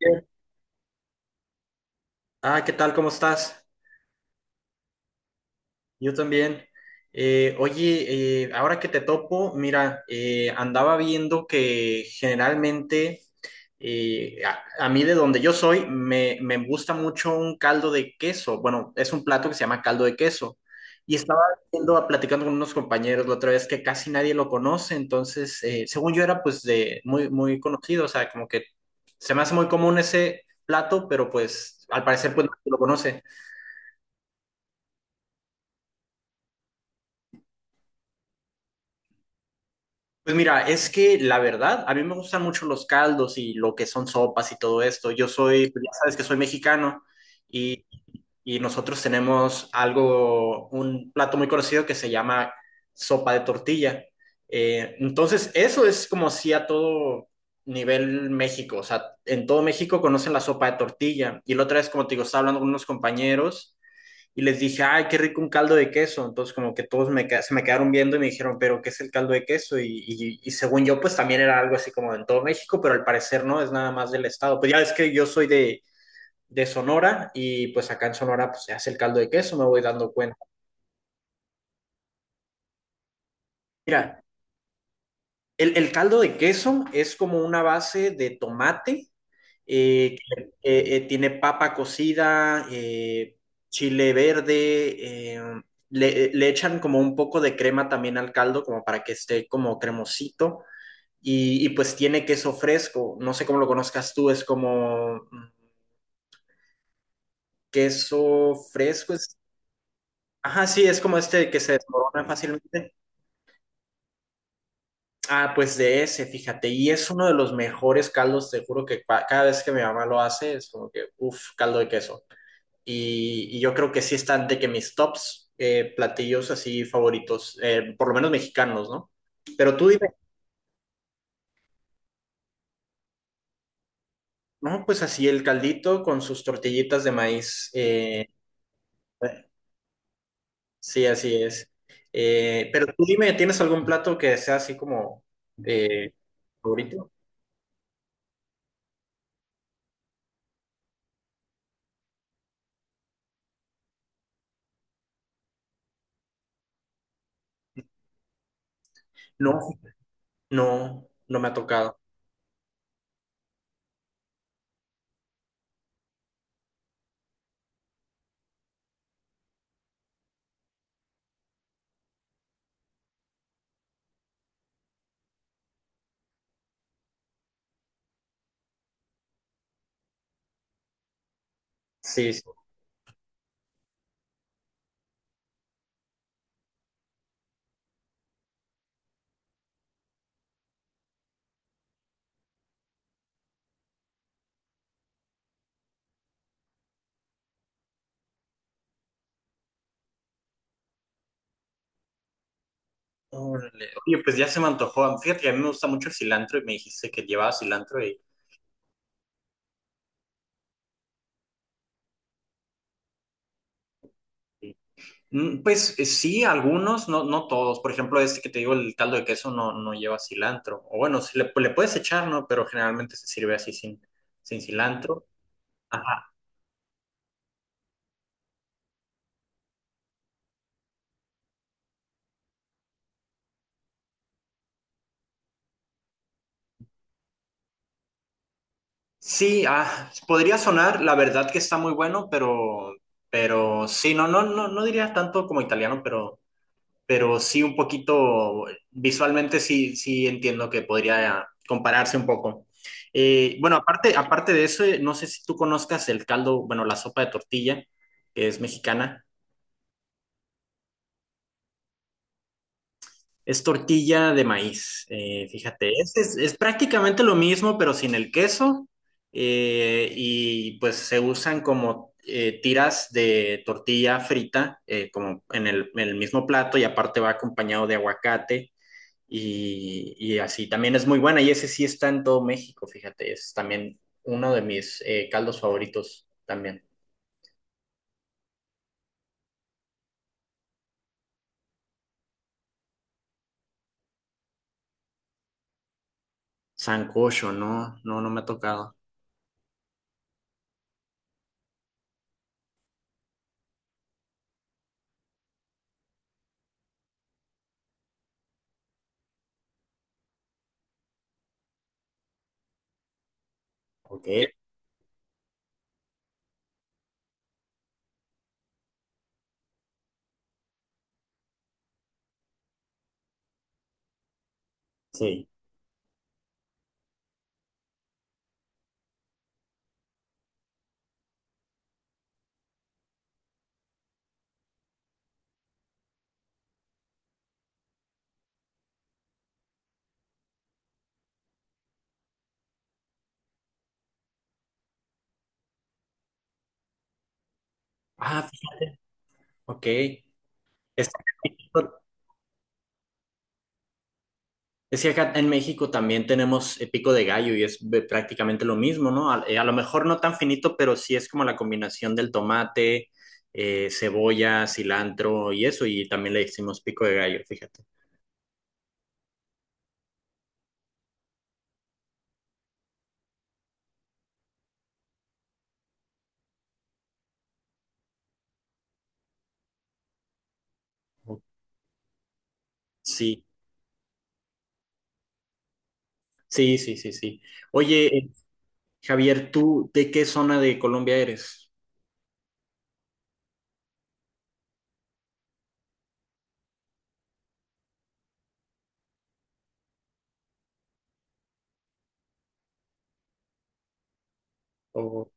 Bien. Ah, ¿qué tal? ¿Cómo estás? Yo también. Oye, ahora que te topo, mira, andaba viendo que generalmente a mí de donde yo soy me gusta mucho un caldo de queso. Bueno, es un plato que se llama caldo de queso. Y estaba viendo, platicando con unos compañeros la otra vez que casi nadie lo conoce. Entonces, según yo era pues de muy, muy conocido, o sea, como que se me hace muy común ese plato, pero pues al parecer pues nadie lo conoce. Pues mira, es que la verdad, a mí me gustan mucho los caldos y lo que son sopas y todo esto. Yo soy, pues ya sabes que soy mexicano y, y nosotros tenemos algo, un plato muy conocido que se llama sopa de tortilla. Entonces, eso es como si a todo nivel México, o sea, en todo México conocen la sopa de tortilla. Y la otra vez, como te digo, estaba hablando con unos compañeros y les dije, ay, qué rico un caldo de queso. Entonces, como que todos me, se me quedaron viendo y me dijeron, pero ¿qué es el caldo de queso? Y según yo, pues también era algo así como en todo México, pero al parecer no, es nada más del estado. Pues ya ves que yo soy de Sonora y pues acá en Sonora pues se hace el caldo de queso, me voy dando cuenta. Mira, el caldo de queso es como una base de tomate tiene papa cocida, chile verde, le echan como un poco de crema también al caldo, como para que esté como cremosito, y pues tiene queso fresco, no sé cómo lo conozcas tú, es como queso fresco, es... Ajá, sí, es como este que se desmorona fácilmente. Ah, pues de ese, fíjate, y es uno de los mejores caldos, te juro que cada vez que mi mamá lo hace, es como que, uff, caldo de queso. Y yo creo que sí están de que mis tops platillos así favoritos, por lo menos mexicanos, ¿no? Pero tú dime, no, pues así el caldito con sus tortillitas de maíz. Sí, así es. Pero tú dime, ¿tienes algún plato que sea así como eh, favorito? No, no, no me ha tocado. Sí, sí. Órale. Oye, pues ya se me antojó. Fíjate que a mí me gusta mucho el cilantro y me dijiste que llevaba cilantro y, pues sí, algunos, no, no todos. Por ejemplo, este que te digo, el caldo de queso no, no lleva cilantro. O bueno, sí le, pues, le puedes echar, ¿no? Pero generalmente se sirve así sin, sin cilantro. Ajá. Sí, ah, podría sonar, la verdad que está muy bueno, pero sí, no, no, no, no diría tanto como italiano, pero. Pero sí un poquito, visualmente sí, sí entiendo que podría compararse un poco. Bueno, aparte, aparte de eso, no sé si tú conozcas el caldo, bueno, la sopa de tortilla, que es mexicana, es tortilla de maíz, fíjate, es prácticamente lo mismo, pero sin el queso, y pues se usan como... tiras de tortilla frita, como en el mismo plato, y aparte va acompañado de aguacate, y así también es muy buena. Y ese sí está en todo México, fíjate. Es también uno de mis caldos favoritos también. Sancocho, no, no, no me ha tocado. Ok, sí. Ah, ok. Es, es que acá en México también tenemos pico de gallo y es prácticamente lo mismo, ¿no? A lo mejor no tan finito, pero sí es como la combinación del tomate, cebolla, cilantro y eso. Y también le decimos pico de gallo, fíjate. Sí. Sí, sí, sí, sí. Oye, Javier, ¿tú de qué zona de Colombia eres? O-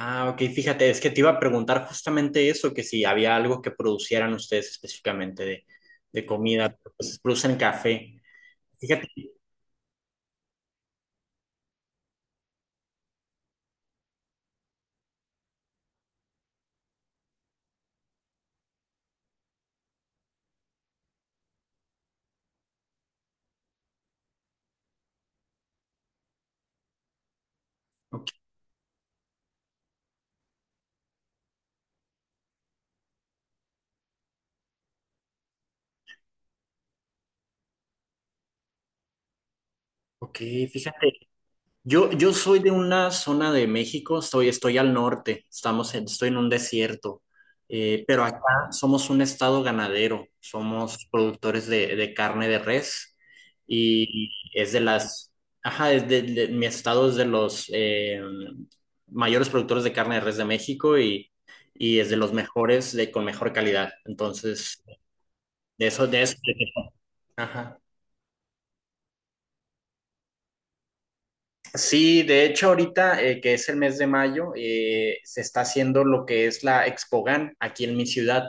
ah, ok, fíjate, es que te iba a preguntar justamente eso, que si había algo que producieran ustedes específicamente de comida, pues producen café. Fíjate, ok, ok, fíjate. Yo soy de una zona de México, estoy, estoy al norte, estoy en un desierto, pero acá somos un estado ganadero, somos productores de carne de res y es de las, ajá, mi estado es de los mayores productores de carne de res de México y es de los mejores, de, con mejor calidad. Entonces, de eso, de eso. Ajá. Sí, de hecho ahorita que es el mes de mayo, se está haciendo lo que es la Expogan aquí en mi ciudad,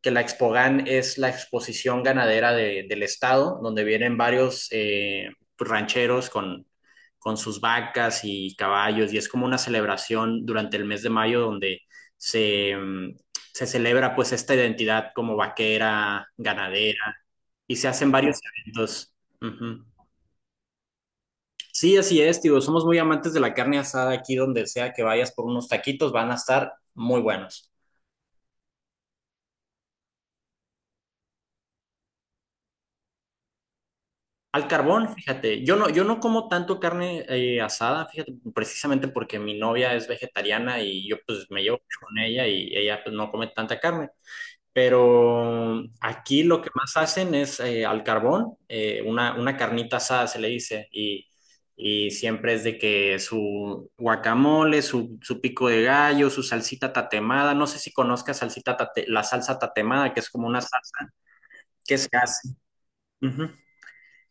que la Expogan es la exposición ganadera del estado, donde vienen varios pues, rancheros con sus vacas y caballos, y es como una celebración durante el mes de mayo donde se, se celebra pues esta identidad como vaquera, ganadera, y se hacen varios eventos. Ujú. Sí, así es, tío. Somos muy amantes de la carne asada aquí donde sea que vayas por unos taquitos, van a estar muy buenos. Al carbón, fíjate, yo no, yo no como tanto carne asada, fíjate, precisamente porque mi novia es vegetariana y yo pues me llevo mucho con ella y ella pues no come tanta carne. Pero aquí lo que más hacen es al carbón, una carnita asada se le dice, y siempre es de que su guacamole, su pico de gallo, su salsita tatemada, no sé si conozcas la salsa tatemada, que es como una salsa que se hace, ujú,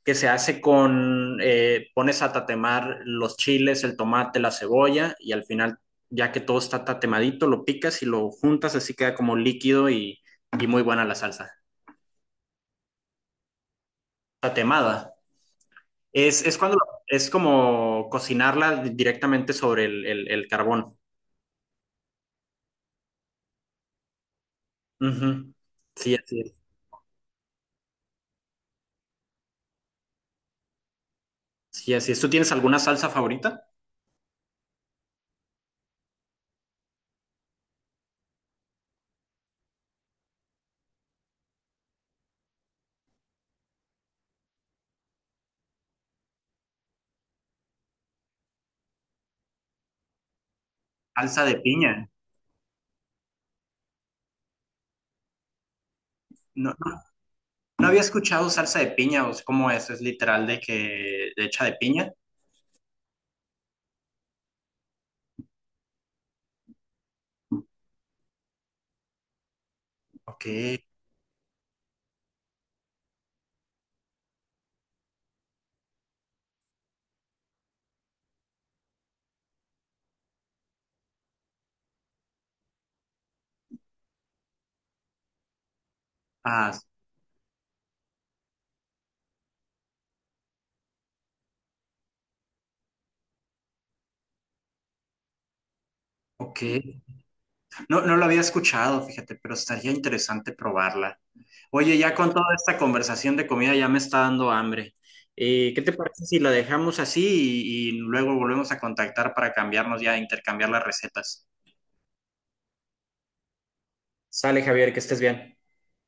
que se hace con, pones a tatemar los chiles, el tomate, la cebolla, y al final, ya que todo está tatemadito, lo picas y lo juntas, así queda como líquido y muy buena la salsa. Tatemada. Es cuando es como cocinarla directamente sobre el carbón. Ujú. Sí, así es. Sí, así es. ¿Tú tienes alguna salsa favorita? Salsa de piña. No, no, no había escuchado salsa de piña. O sea, ¿cómo es? ¿Es literal de que hecha de piña? Ok. Ah, ok. No, no lo había escuchado, fíjate, pero estaría interesante probarla. Oye, ya con toda esta conversación de comida ya me está dando hambre. ¿Qué te parece si la dejamos así y luego volvemos a contactar para cambiarnos ya, intercambiar las recetas? Sale, Javier, que estés bien.